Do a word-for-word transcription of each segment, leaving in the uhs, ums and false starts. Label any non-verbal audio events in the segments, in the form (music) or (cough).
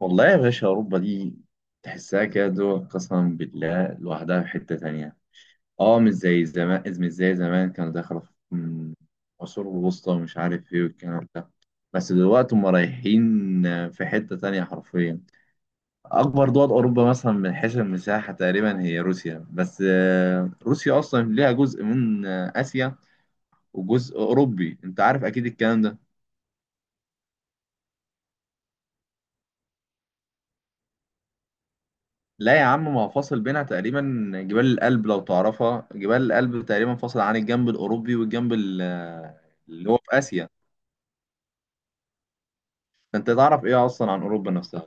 والله يا باشا، أوروبا دي تحسها كده قسما بالله لوحدها في حتة تانية. اه، مش زي زمان، مش زي زمان كانوا داخلة في مم، عصور الوسطى ومش عارف ايه والكلام ده. بس دلوقتي هم رايحين في حتة تانية حرفيا. أكبر دول أوروبا مثلا من حيث المساحة تقريبا هي روسيا، بس آه، روسيا أصلا ليها جزء من آه، آسيا وجزء أوروبي. أنت عارف أكيد الكلام ده. لا يا عم، ما هو فاصل بينها تقريبا جبال الألب. لو تعرفها، جبال الألب تقريبا فاصل عن الجنب الأوروبي والجنب ال- آه، اللي هو في آسيا. فأنت تعرف إيه أصلا عن أوروبا نفسها؟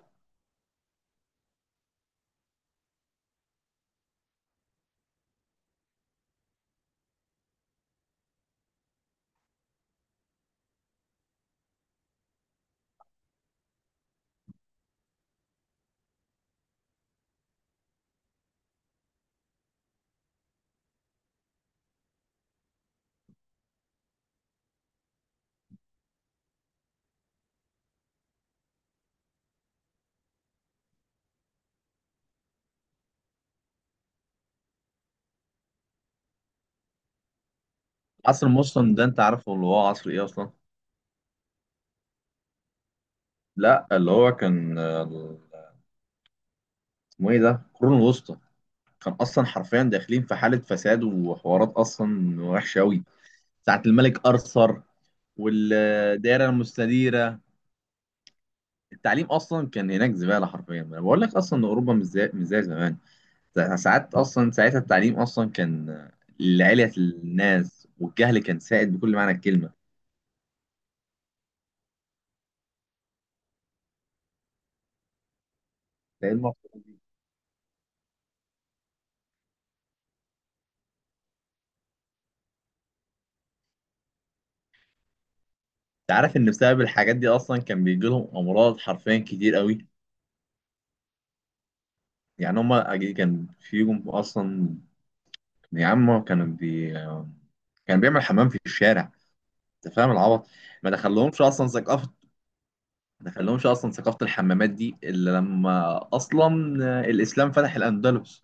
عصر مسلم ده أنت عارفه اللي هو عصر إيه أصلا؟ لا، اللي هو كان آه، اسمه إيه ده، القرون الوسطى. كان أصلا حرفيا داخلين في حالة فساد وحوارات أصلا وحشة أوي. ساعة الملك أرثر والدائرة المستديرة، التعليم أصلا كان هناك زبالة حرفيا. أنا بقول لك أصلا إن أوروبا مش زي مش زي زمان. ساعات اصلا ساعتها التعليم اصلا كان لعلية الناس، والجهل كان سائد بكل معنى الكلمه. لان انت عارف ان بسبب الحاجات دي اصلا كان بيجي لهم امراض حرفيا كتير قوي. يعني هما أج- كان فيهم اصلا، يا عم كان بي كان بيعمل حمام في الشارع. انت فاهم العبط؟ ما دخلهمش اصلا ثقافه. ما دخلهمش اصلا ثقافه الحمامات دي الا لما اصلا الاسلام فتح الاندلس.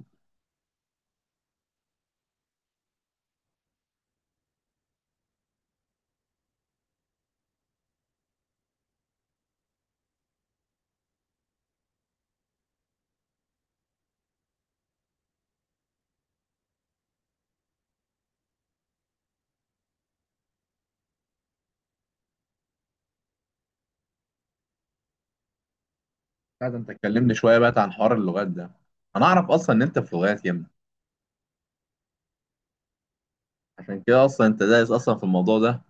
لا ده انت اتكلمني شويه بقى عن حوار اللغات ده. انا اعرف اصلا ان انت في لغات يا ابني. عشان كده اصلا انت دايس اصلا في الموضوع ده.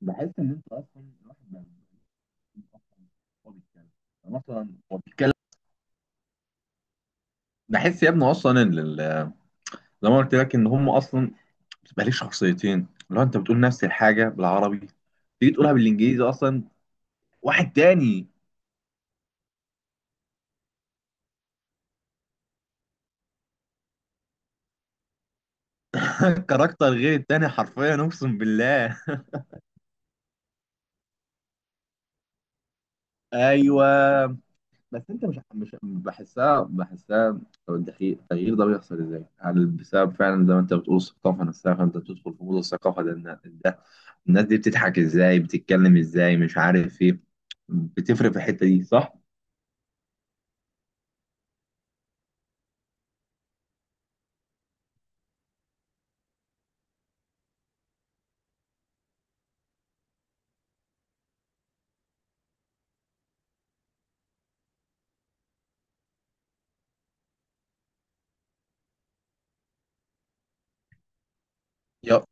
بحس ان انت اصلا الواحد بقى بيكون أصلاً هو بيتكلم، أنا اصلا هو بيتكلم. بحس يا ابني اصلا ان ال- زي ما قلت لك ان هم اصلا بتبقى ليه شخصيتين. لو انت بتقول نفس الحاجه بالعربي تيجي تقولها بالانجليزي اصلا واحد تاني. (laughs) كاركتر غير التاني حرفيا، اقسم بالله. (laughs) ايوه. بس انت مش مش بحسها، بحسها. طب التغيير التغيير ده بيحصل ازاي؟ هل بسبب فعلا زي ما انت بتقول الثقافه نفسها، فانت تدخل في مود الثقافه ده، النا- ده الناس دي بتضحك ازاي، بتتكلم ازاي، مش عارف ايه. بتفرق في الحته دي صح؟ يا،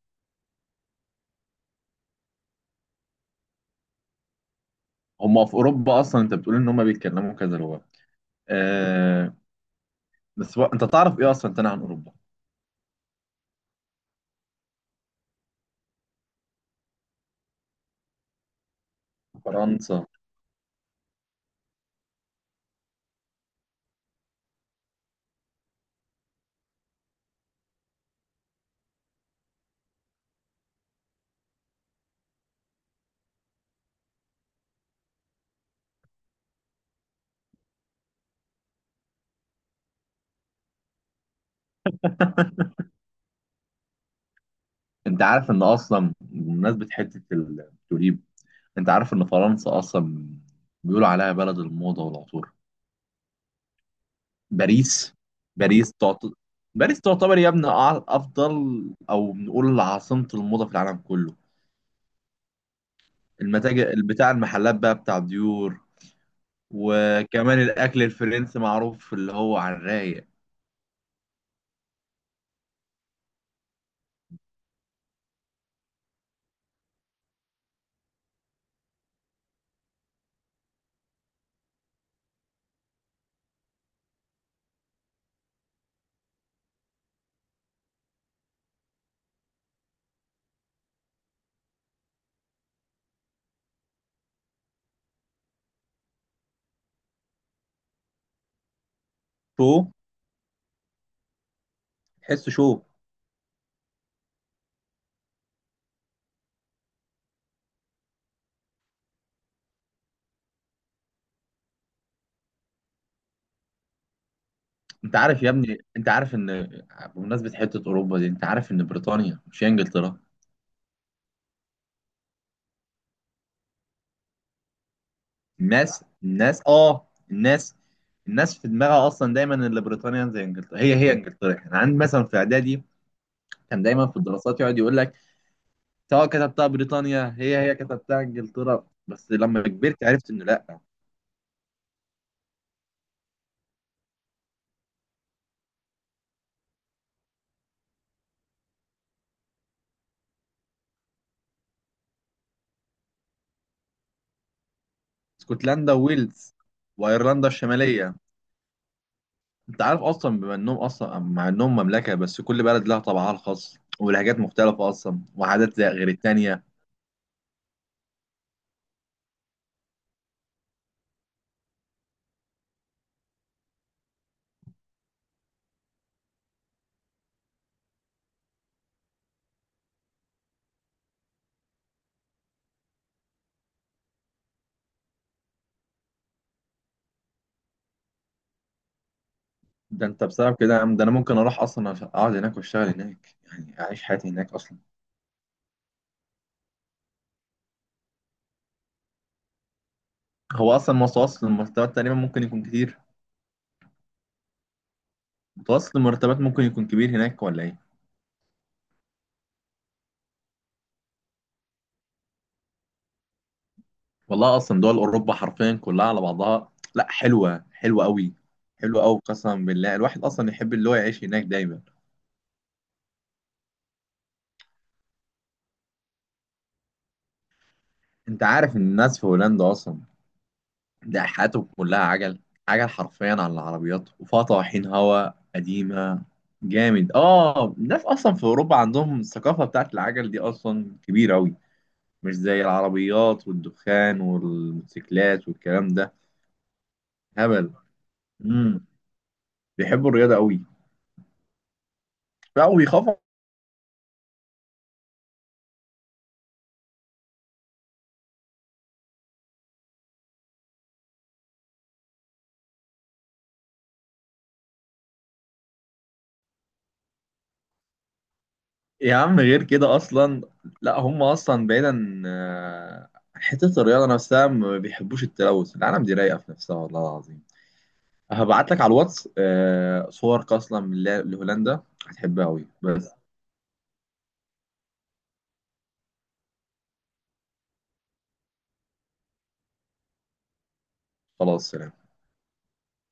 هم في اوروبا اصلا انت بتقول ان هم بيتكلموا كذا لغه. آه. بس هو- انت تعرف ايه اصلا تاني عن اوروبا؟ فرنسا. انت عارف ان اصلا بمناسبه حته التوليب، انت عارف ان فرنسا اصلا بيقولوا عليها بلد الموضه والعطور. باريس، باريس تعت... باريس تعتبر يا ابني أع- افضل، او نقول عاصمة الموضة في العالم كله. المتاجر بتاع المحلات بقى بتاع ديور. وكمان الاكل الفرنسي معروف اللي هو على الرايق. شو، تحس شو. انت عارف يا ابني، انت عارف ان بمناسبة حتة اوروبا دي، انت عارف ان بريطانيا مش هي انجلترا. الناس الناس اه، الناس، الناس في دماغها اصلا دايما ان بريطانيا زي انجلترا، هي هي انجلترا. احنا عندي مثلا في اعدادي كان دايما في الدراسات يقعد يقول لك سواء كتبتها بريطانيا هي هي كتبتها انجلترا. بس لما كبرت عرفت انه لا. اسكتلندا وويلز وايرلندا الشماليه. انت عارف اصلا بما انهم اصلا مع انهم مملكه، بس كل بلد لها طبعها الخاص ولهجات مختلفه اصلا وعادات زي غير التانيه. ده انت بسبب كده يا عم، ده انا ممكن اروح اصلا أف- اقعد هناك واشتغل هناك، يعني اعيش حياتي هناك اصلا. هو اصلا متوسط المرتبات تقريبا ممكن يكون كتير، متوسط المرتبات ممكن يكون كبير هناك ولا ايه؟ والله اصلا دول اوروبا حرفيا كلها على بعضها لا حلوه، حلوه قوي. حلوه قوي قسما بالله، الواحد اصلا يحب اللي هو يعيش هناك دايما. انت عارف ان الناس في هولندا اصلا ده حياتهم كلها عجل. عجل حرفيا على العربيات، وفيها طواحين هوا قديمه جامد. اه، الناس اصلا في اوروبا عندهم الثقافه بتاعت العجل دي اصلا كبيره قوي. مش زي العربيات والدخان والموتوسيكلات والكلام ده هبل. امم بيحبوا الرياضه قوي. لا ويخافوا يا عم، غير كده اصلا. لا هم اصلا بعيدا آه، حته الرياضه نفسها ما بيحبوش التلوث، العالم دي رايقه في نفسها والله العظيم. هبعت لك على الواتس آه، صورك اصلا من لا- لهولندا. هتحبها قوي. بس خلاص.